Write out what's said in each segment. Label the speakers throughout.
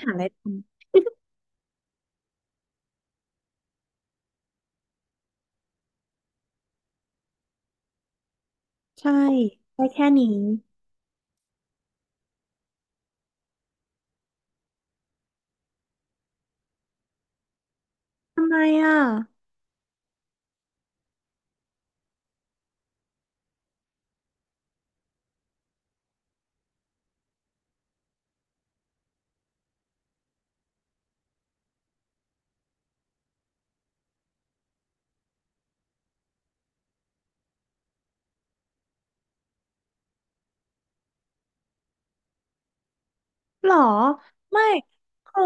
Speaker 1: หาอะไรทำ ใช่ได้แค่นี้ทำไมอ่ะหรอไม่คือ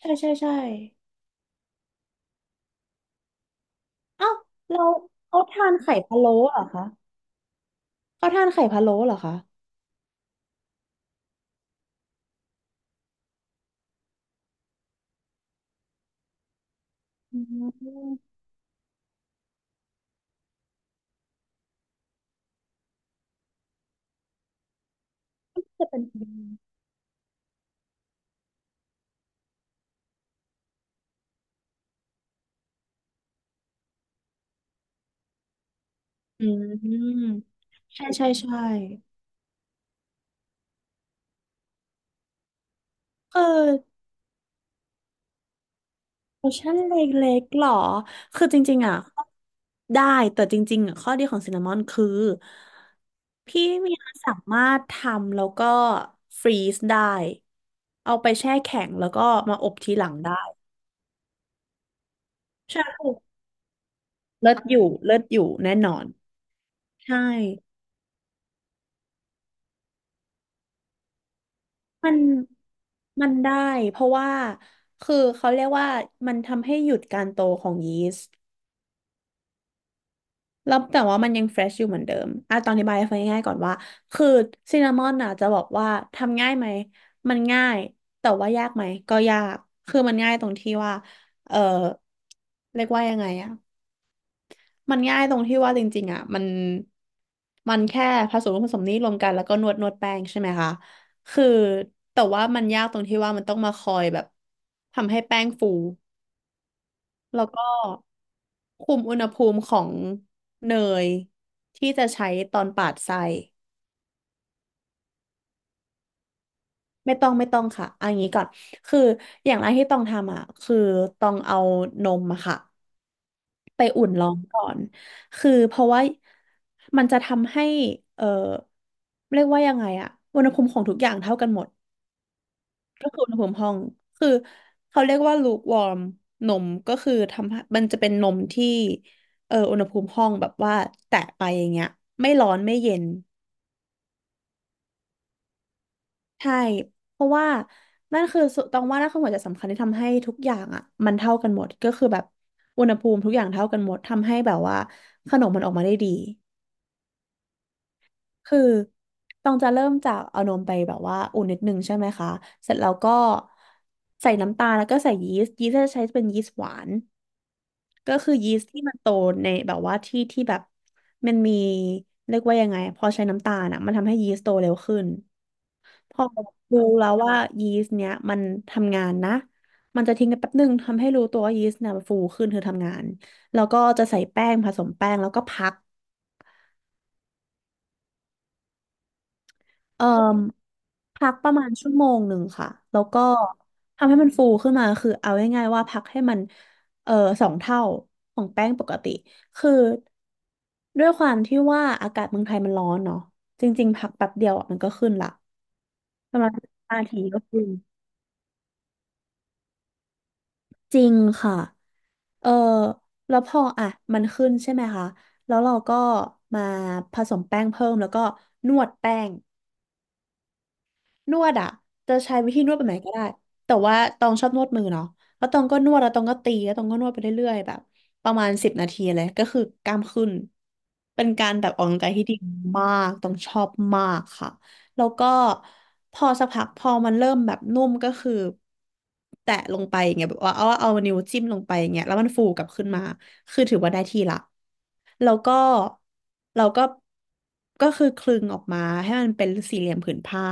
Speaker 1: ใช่ใช่ใช่เอ้าเราเขาทานไข่พะโล้เหรอคะเขาทานไข่พะโล้เหรอคะอืมจะเป็นอืมใช่ใช่ใช่เออ โอชั่นเล็กๆหรอ คือจริงๆอ่ะได้แต่จริงๆอ่ะข้อดีของซินนามอนคือพี่เมียสามารถทำแล้วก็ฟรีซได้เอาไปแช่แข็งแล้วก็มาอบทีหลังได้ใช่เลิศอยู่เลิศอยู่แน่นอนใช่มันมันได้เพราะว่าคือเขาเรียกว่ามันทำให้หยุดการโตของยีสต์ แล้วแต่ว่ามันยังเฟรชอยู่เหมือนเดิมอ่ะตอนอธิบายให้ฟังง่ายๆก่อนว่าคือซินนามอนอ่ะจะบอกว่าทำง่ายไหมมันง่ายแต่ว่ายากไหมก็ยากคือมันง่ายตรงที่ว่าเออเรียกว่ายังไงอ่ะมันง่ายตรงที่ว่าจริงๆอ่ะมันมันแค่ผสมนี้รวมกันแล้วก็นวดแป้งใช่ไหมคะ คือแต่ว่ามันยากตรงที่ว่ามันต้องมาคอยแบบทำให้แป้งฟู แล้วก็คุมอุณหภูมิของเนยที่จะใช้ตอนปาดไส้ไม่ต้องค่ะเอันนี้ก่อนคืออย่างแรกที่ต้องทำอ่ะคือต้องเอานมอะค่ะไปอุ่นร้อนก่อนคือเพราะว่ามันจะทำให้เออเรียกว่ายังไงอะอุณหภูมิของทุกอย่างเท่ากันหมด ก็คืออุณหภูมิห้องคือเขาเรียกว่าลูคว์มนมก็คือทำให้มันจะเป็นนมที่อุณหภูมิห้องแบบว่าแตะไปอย่างเงี้ยไม่ร้อนไม่เย็นใช่เพราะว่านั่นคือสุต้องว่านั่นคือหัวใจสำคัญที่ทำให้ทุกอย่างอ่ะมันเท่ากันหมดก็คือแบบอุณหภูมิทุกอย่างเท่ากันหมดทำให้แบบว่าขนมมันออกมาได้ดีคือต้องจะเริ่มจากเอานมไปแบบว่าอุ่นนิดนึงใช่ไหมคะเสร็จแล้วก็ใส่น้ำตาลแล้วก็ใส่ยีสต์จะใช้เป็นยีสต์หวาน ก็คือยีสต์ที่มันโตในแบบว่าที่ที่แบบมันมีเรียกว่ายังไงพอใช้น้ำตาลอ่ะมันทำให้ยีสต์โตเร็วขึ้นพอรู้แล้วว่ายีสต์เนี้ยมันทำงานนะมันจะทิ้งกันแป๊บนึงทำให้รู้ตัวว่ายีสต์เนี่ยมันฟูขึ้นคือทำงานแล้วก็จะใส่แป้งผสมแป้งแล้วก็พัก เอ่อพักประมาณ1 ชั่วโมงค่ะแล้วก็ทำให้มันฟูขึ้นมาคือเอาง่ายๆว่าพักให้มันเอ่อ2 เท่าของแป้งปกติคือด้วยความที่ว่าอากาศเมืองไทยมันร้อนเนาะจริงๆพักแป๊บเดียวอะมันก็ขึ้นละประมาณ5 นาทีก็ขึ้นจริงค่ะเออแล้วพออ่ะมันขึ้นใช่ไหมคะแล้วเราก็มาผสมแป้งเพิ่มแล้วก็นวดแป้ง นวดอ่ะจะใช้วิธีนวดแบบไหนก็ได้แต่ว่าตองชอบนวดมือเนาะแล้วตองก็นวดแล้วตองก็ตีแล้วตองก็นวดไปเรื่อยๆแบบประมาณ10 นาทีเลยก็คือกล้ามขึ้นเป็นการแบบออกกำลังกายที่ดีมากต้องชอบมากค่ะแล้วก็พอสักพักพอมันเริ่มแบบนุ่มก็คือแตะลงไปอย่างเงี้ยแบบว่าเอานิ้วจิ้มลงไปอย่างเงี้ยแล้วมันฟูกลับขึ้นมาคือถือว่าได้ที่ละแล้วก็เราก็ก็คือคลึงออกมาให้มันเป็นสี่เหลี่ยมผืนผ้า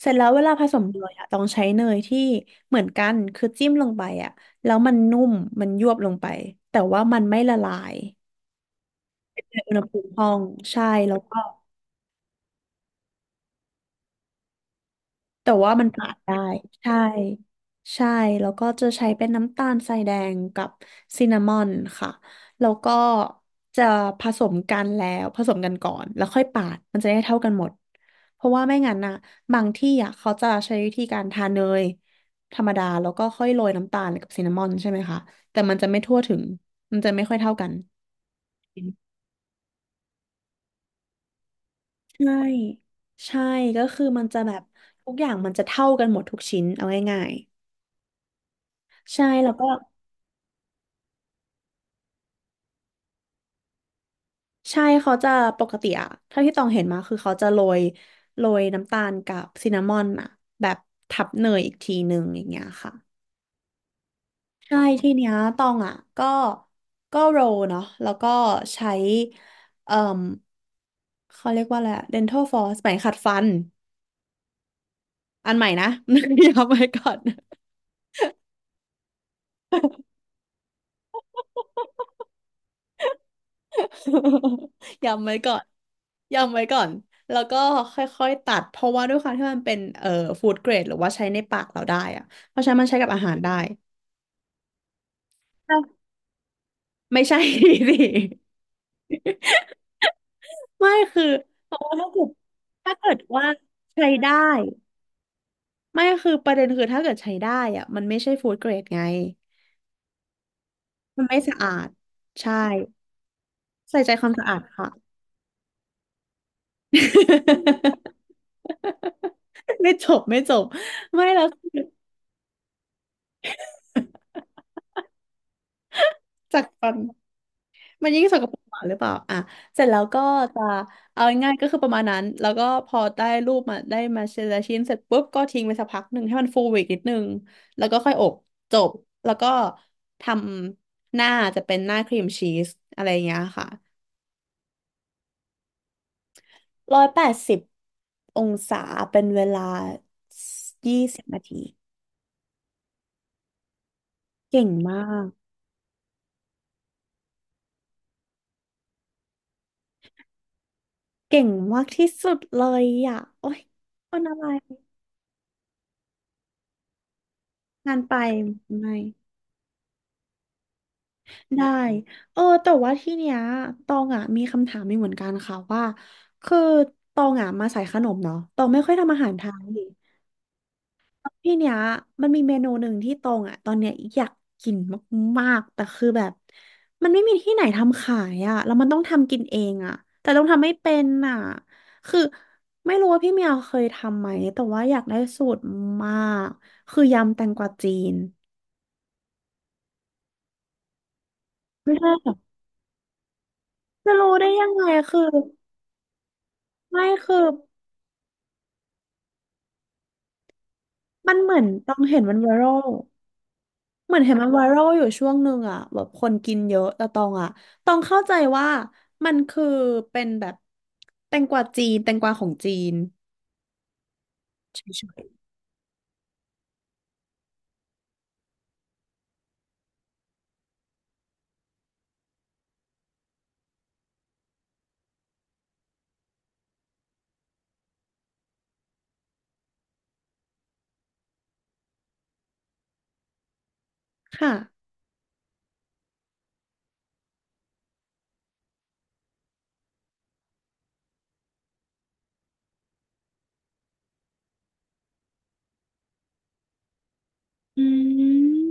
Speaker 1: เสร็จแล้วเวลาผสมเนยอะต้องใช้เนยที่เหมือนกันคือจิ้มลงไปอะแล้วมันนุ่มมันยวบลงไปแต่ว่ามันไม่ละลายในอุณหภูมิห้องใช่แล้วก็ แต่ว่ามันปาดได้ใช่ใช่แล้วก็จะใช้เป็นน้ำตาลทรายแดงกับซินนามอนค่ะแล้วก็จะผสมกันก่อนแล้วค่อยปาดมันจะได้เท่ากันหมดเพราะว่าไม่งั้นนะบางที่อ่ะเขาจะใช้วิธีการทาเนยธรรมดาแล้วก็ค่อยโรยน้ำตาลกับซินนามอนใช่ไหมคะแต่มันจะไม่ทั่วถึงมันจะไม่ค่อยเท่ากันใช่ใช่ก็คือมันจะแบบทุกอย่างมันจะเท่ากันหมดทุกชิ้นเอาง่ายๆใช่แล้วก็ ใช่เขาจะปกติอะถ้าที่ตองเห็นมาคือเขาจะโรยน้ำตาลกับซินนามอนอะแบบทับเนยอีกทีหนึ่งอย่างเงี้ยค่ะใช่ทีเนี้ยตองอะก็ก็โรลเนาะแล้วก็ใช้เอ่มเขาเรียกว่าอะไรอะ dental floss ไหมขัดฟันอันใหม่นะ เดี๋ยวเอาไปก่อน ยำไว้ก่อนยำไว้ก่อนแล้วก็ค่อยๆตัดเพราะว่าด้วยความที่มันเป็นฟู้ดเกรดหรือว่าใช้ในปากเราได้อะเพราะฉะนั้นมันใช้กับอาหารได้ ค่ะไม่ใช่ สิไม่คือเพราะว่าถ้าเกิดว่าใช้ได้ไม่คือประเด็นคือถ้าเกิดใช้ได้อะมันไม่ใช่ฟู้ดเกรดไงมันไม่สะอาดใช่ใส่ใจความสะอาดค่ะ ไม่จบไม่จบไม่แล้วคือจากฟัน มันยิ่งสกปรกกว่าหรือเปล่าอ่ะเสร็จแล้วก็จะเอาง่ายๆก็คือประมาณนั้นแล้วก็พอได้รูปมาได้มาชิ้นละชิ้นเสร็จปุ๊บก็ทิ้งไปสักพักหนึ่งให้มันฟูอีกนิดนึงแล้วก็ค่อยอบจบแล้วก็ทำหน้าจะเป็นหน้าครีมชีสอะไรอย่างเงี้ยค่ะ180องศาเป็นเวลา20นาทีเก่งมากเก่งมากที่สุดเลยอ่ะโอ๊ยคนอะไรงานไปไหม ได้เออแต่ว่าที่เนี้ย ตองอ่ะมีคำถามมีเหมือนกันค่ะว่า คือ ตองอ่ะมาสายขนมเนาะตองไม่ค่อยทำอาหารไทยที่เนี้ย มันมีเมนูหนึ่งที่ตองอ่ะตอนเนี้ยอยากกินมากๆ แต่คือแบบ มันไม่มีที่ไหนทำขายอ่ะแล้วมันต้องทำกินเองอ่ะแต่ต้องทำไม่เป็นอ่ะคือ ไม่รู้ว่าพี่เมียวเคยทำไหม แต่ว่าอยากได้สูตรมาก คือยำแตงกวาจีนไม่ใช่เหรอจะรู้ได้ยังไงคือไม่คือ มันเหมือนต้องเห็นมันไวรัลเหมือนเห็นมันไวรัลอยู่ช่วงหนึ่งอ่ะแบบคนกินเยอะแต่ตองอ่ะตองเข้าใจว่ามันคือเป็นแบบแตงกวาจีนแตงกวาของจีนเฉยๆค่ะอืม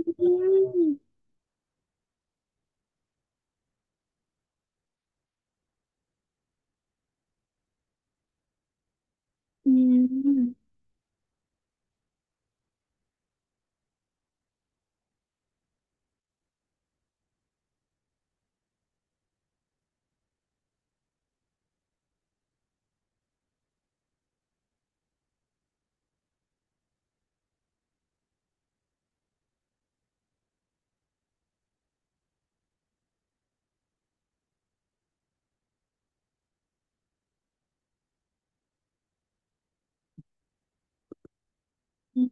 Speaker 1: อืมอืม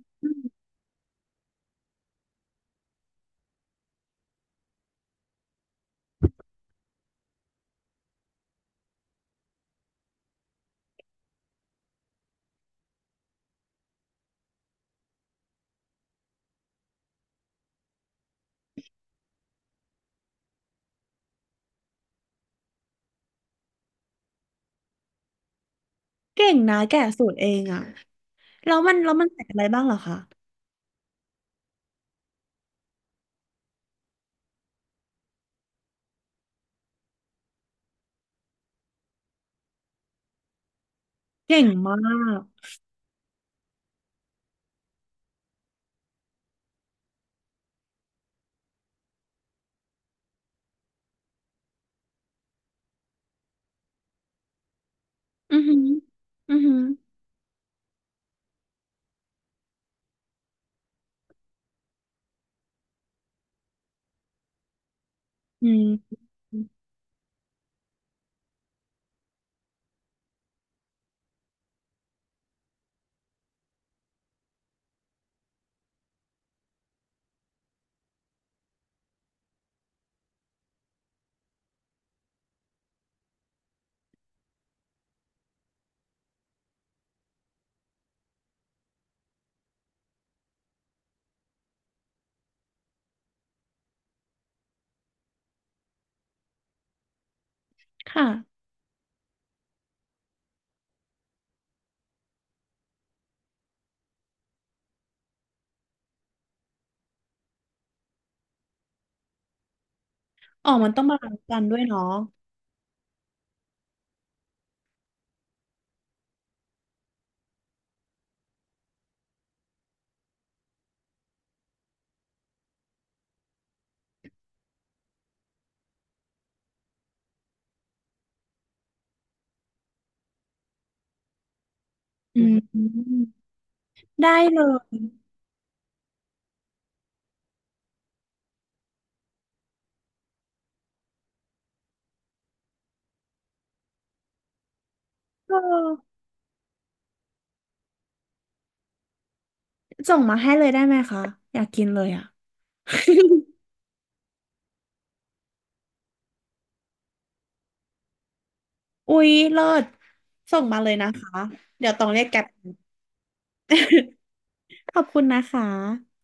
Speaker 1: เก่งนะแกะสูตรเองอ่ะแล้วมันใส่อะไรบ้างเหรอคะเก่งมากอือหืออือหืออืมค่ะอ๋อมันต้องบาลานซ์กันด้วยเนาะอืมมได้เลย ส่งมาให้เลยได้ไหมคะอยากกินเลยอ่ะ อุ๊ยเลิศส่งมาเลยนะคะเดี๋ยวต้องเรียกแกร็บ ขอบคุณนะคะ